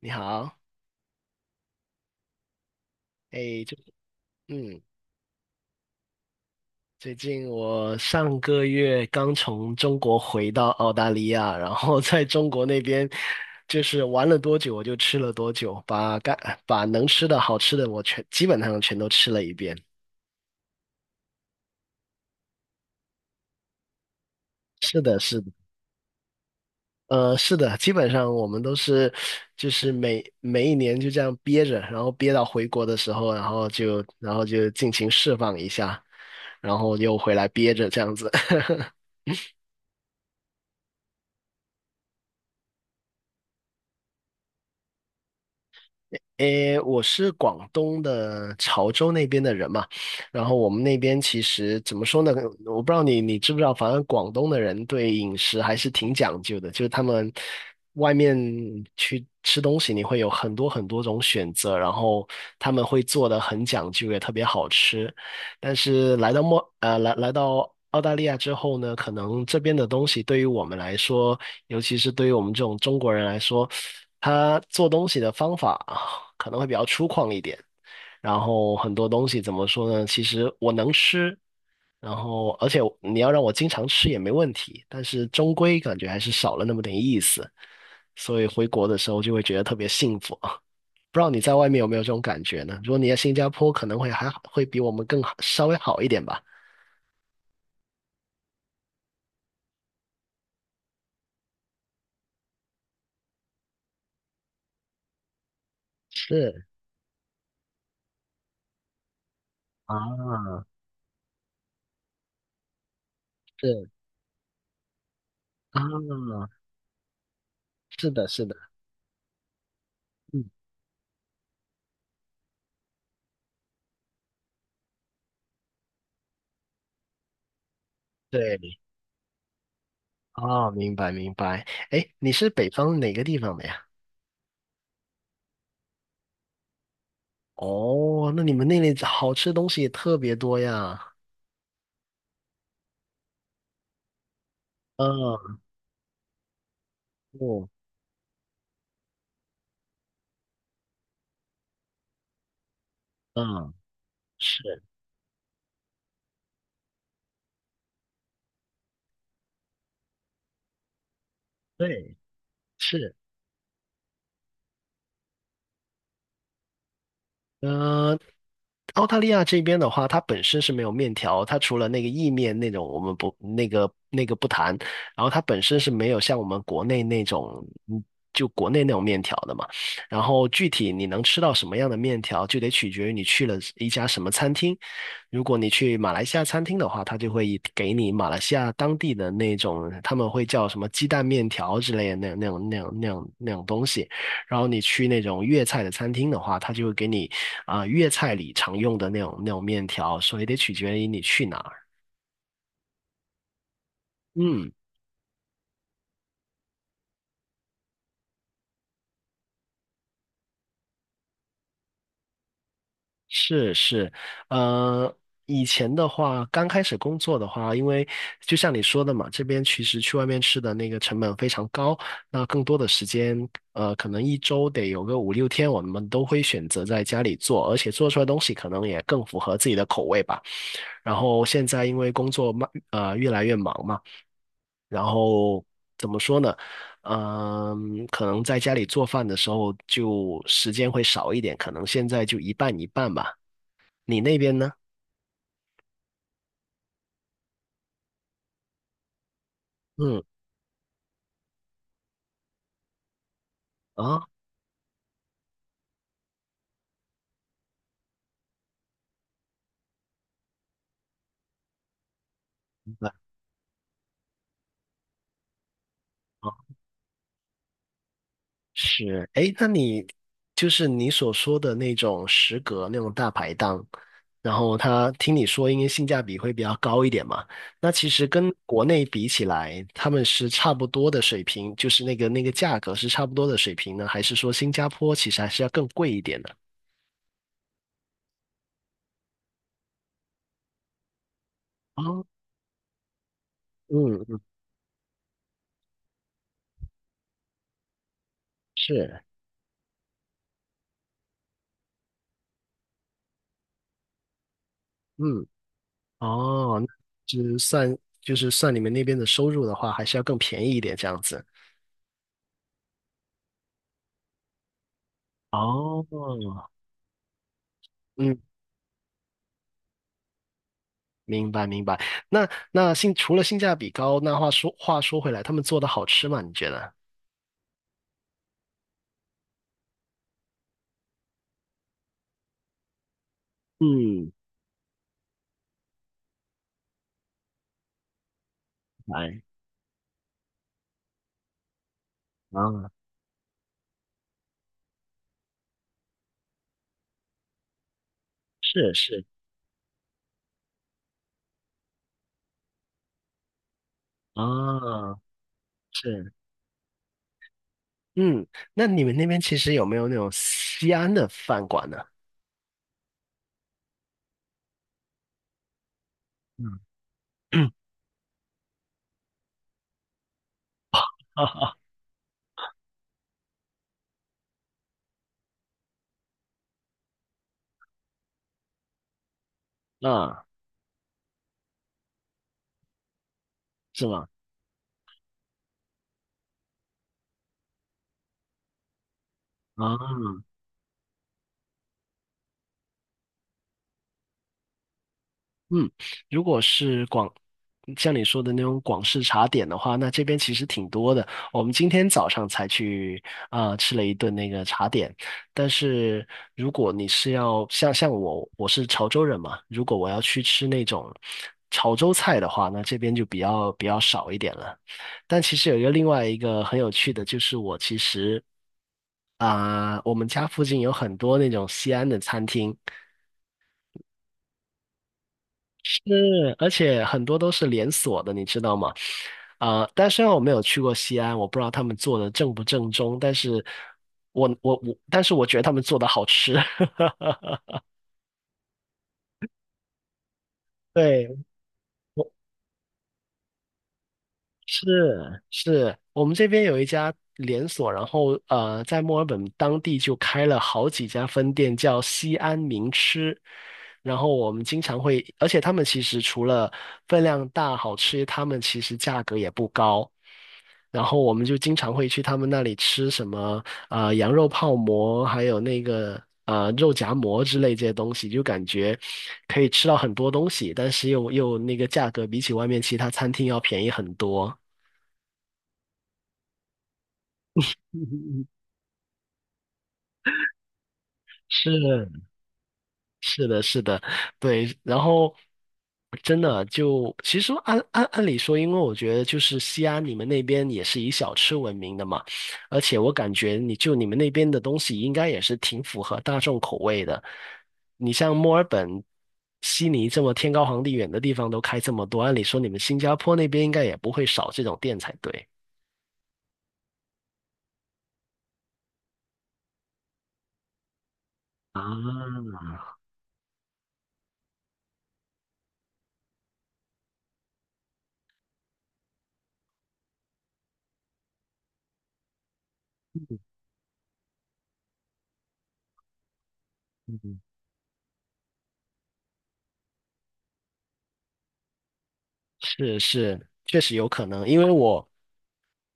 你好。哎，就嗯，最近我上个月刚从中国回到澳大利亚，然后在中国那边就是玩了多久我就吃了多久，把能吃的好吃的我全基本上全都吃了一遍。是的，是的，是的，基本上我们都是就是每一年就这样憋着，然后憋到回国的时候，然后就尽情释放一下，然后又回来憋着这样子。诶，我是广东的潮州那边的人嘛，然后我们那边其实怎么说呢？我不知道你知不知道，反正广东的人对饮食还是挺讲究的，就是他们外面去吃东西，你会有很多很多种选择，然后他们会做的很讲究，也特别好吃。但是来到澳大利亚之后呢，可能这边的东西对于我们来说，尤其是对于我们这种中国人来说，他做东西的方法啊可能会比较粗犷一点。然后很多东西怎么说呢？其实我能吃，然后而且你要让我经常吃也没问题，但是终归感觉还是少了那么点意思。所以回国的时候就会觉得特别幸福啊！不知道你在外面有没有这种感觉呢？如果你在新加坡，可能会还会比我们更好，稍微好一点吧。是啊，是啊，是的，是的，嗯，对，哦，明白明白。哎，你是北方哪个地方的呀？哦，那你们那里好吃的东西也特别多呀。嗯，哦，嗯，是，对，是，呃，澳大利亚这边的话，它本身是没有面条，它除了那个意面那种，我们不那个不谈，然后它本身是没有像我们国内那种，嗯，就国内那种面条的嘛。然后具体你能吃到什么样的面条，就得取决于你去了一家什么餐厅。如果你去马来西亚餐厅的话，它就会以给你马来西亚当地的那种，他们会叫什么鸡蛋面条之类的那种东西。然后你去那种粤菜的餐厅的话，他就会给你粤菜里常用的那种面条，所以得取决于你去哪儿。嗯，是是，呃，以前的话，刚开始工作的话，因为就像你说的嘛，这边其实去外面吃的那个成本非常高，那更多的时间，可能一周得有个五六天，我们都会选择在家里做，而且做出来的东西可能也更符合自己的口味吧。然后现在因为工作慢，越来越忙嘛。然后怎么说呢？嗯，可能在家里做饭的时候就时间会少一点，可能现在就一半一半吧。你那边呢？嗯，啊，明白啊，是，诶，那你就是你所说的那种食阁那种大排档，然后他听你说应该性价比会比较高一点嘛？那其实跟国内比起来，他们是差不多的水平，就是那个价格是差不多的水平呢，还是说新加坡其实还是要更贵一点的？哦嗯嗯是，嗯哦，那就是算你们那边的收入的话，还是要更便宜一点这样子。哦，嗯，明白明白。那除了性价比高，那话说回来，他们做的好吃吗？你觉得？嗯，来啊，是是啊是，嗯，那你们那边其实有没有那种西安的饭馆呢？嗯，啊啊，是吗？啊。嗯，如果是广，像你说的那种广式茶点的话，那这边其实挺多的。我们今天早上才去吃了一顿那个茶点，但是如果你是要像我，我是潮州人嘛，如果我要去吃那种潮州菜的话，那这边就比较少一点了。但其实有一个另外一个很有趣的，就是我其实我们家附近有很多那种西安的餐厅。是，而且很多都是连锁的，你知道吗？但虽然我没有去过西安，我不知道他们做的正不正宗，但是我我我，但是我觉得他们做的好吃。对，我是是，我们这边有一家连锁，然后在墨尔本当地就开了好几家分店，叫西安名吃。然后我们经常会，而且他们其实除了分量大、好吃，他们其实价格也不高。然后我们就经常会去他们那里吃什么羊肉泡馍，还有那个肉夹馍之类这些东西，就感觉可以吃到很多东西，但是又那个价格比起外面其他餐厅要便宜很多。是，是的，是的，对，然后真的就其实按理说，因为我觉得就是西安你们那边也是以小吃闻名的嘛，而且我感觉你就你们那边的东西应该也是挺符合大众口味的。你像墨尔本、悉尼这么天高皇帝远的地方都开这么多，按理说你们新加坡那边应该也不会少这种店才对。啊，嗯，是是，确实有可能，因为我。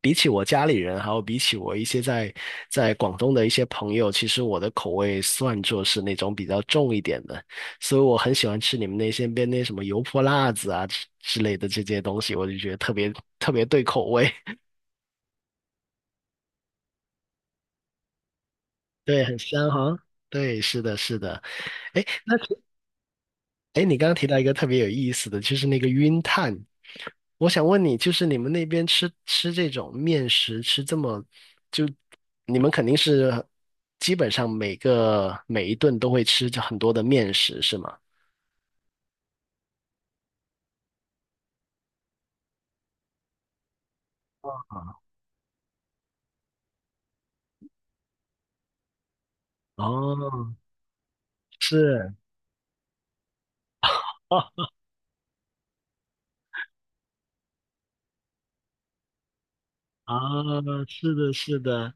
比起我家里人，还有比起我一些在广东的一些朋友，其实我的口味算作是那种比较重一点的，所以我很喜欢吃你们那些边那什么油泼辣子啊之类的这些东西，我就觉得特别特别对口味，对，很香哈。对，是的，是的。哎哎，你刚刚提到一个特别有意思的，就是那个晕碳。我想问你，就是你们那边吃这种面食，吃这么，就你们肯定是基本上每一顿都会吃着很多的面食，是吗？哦，是。啊，是的，是的，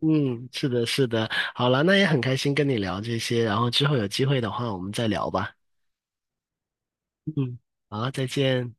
嗯，是的，是的。好了，那也很开心跟你聊这些，然后之后有机会的话，我们再聊吧。嗯，好，再见。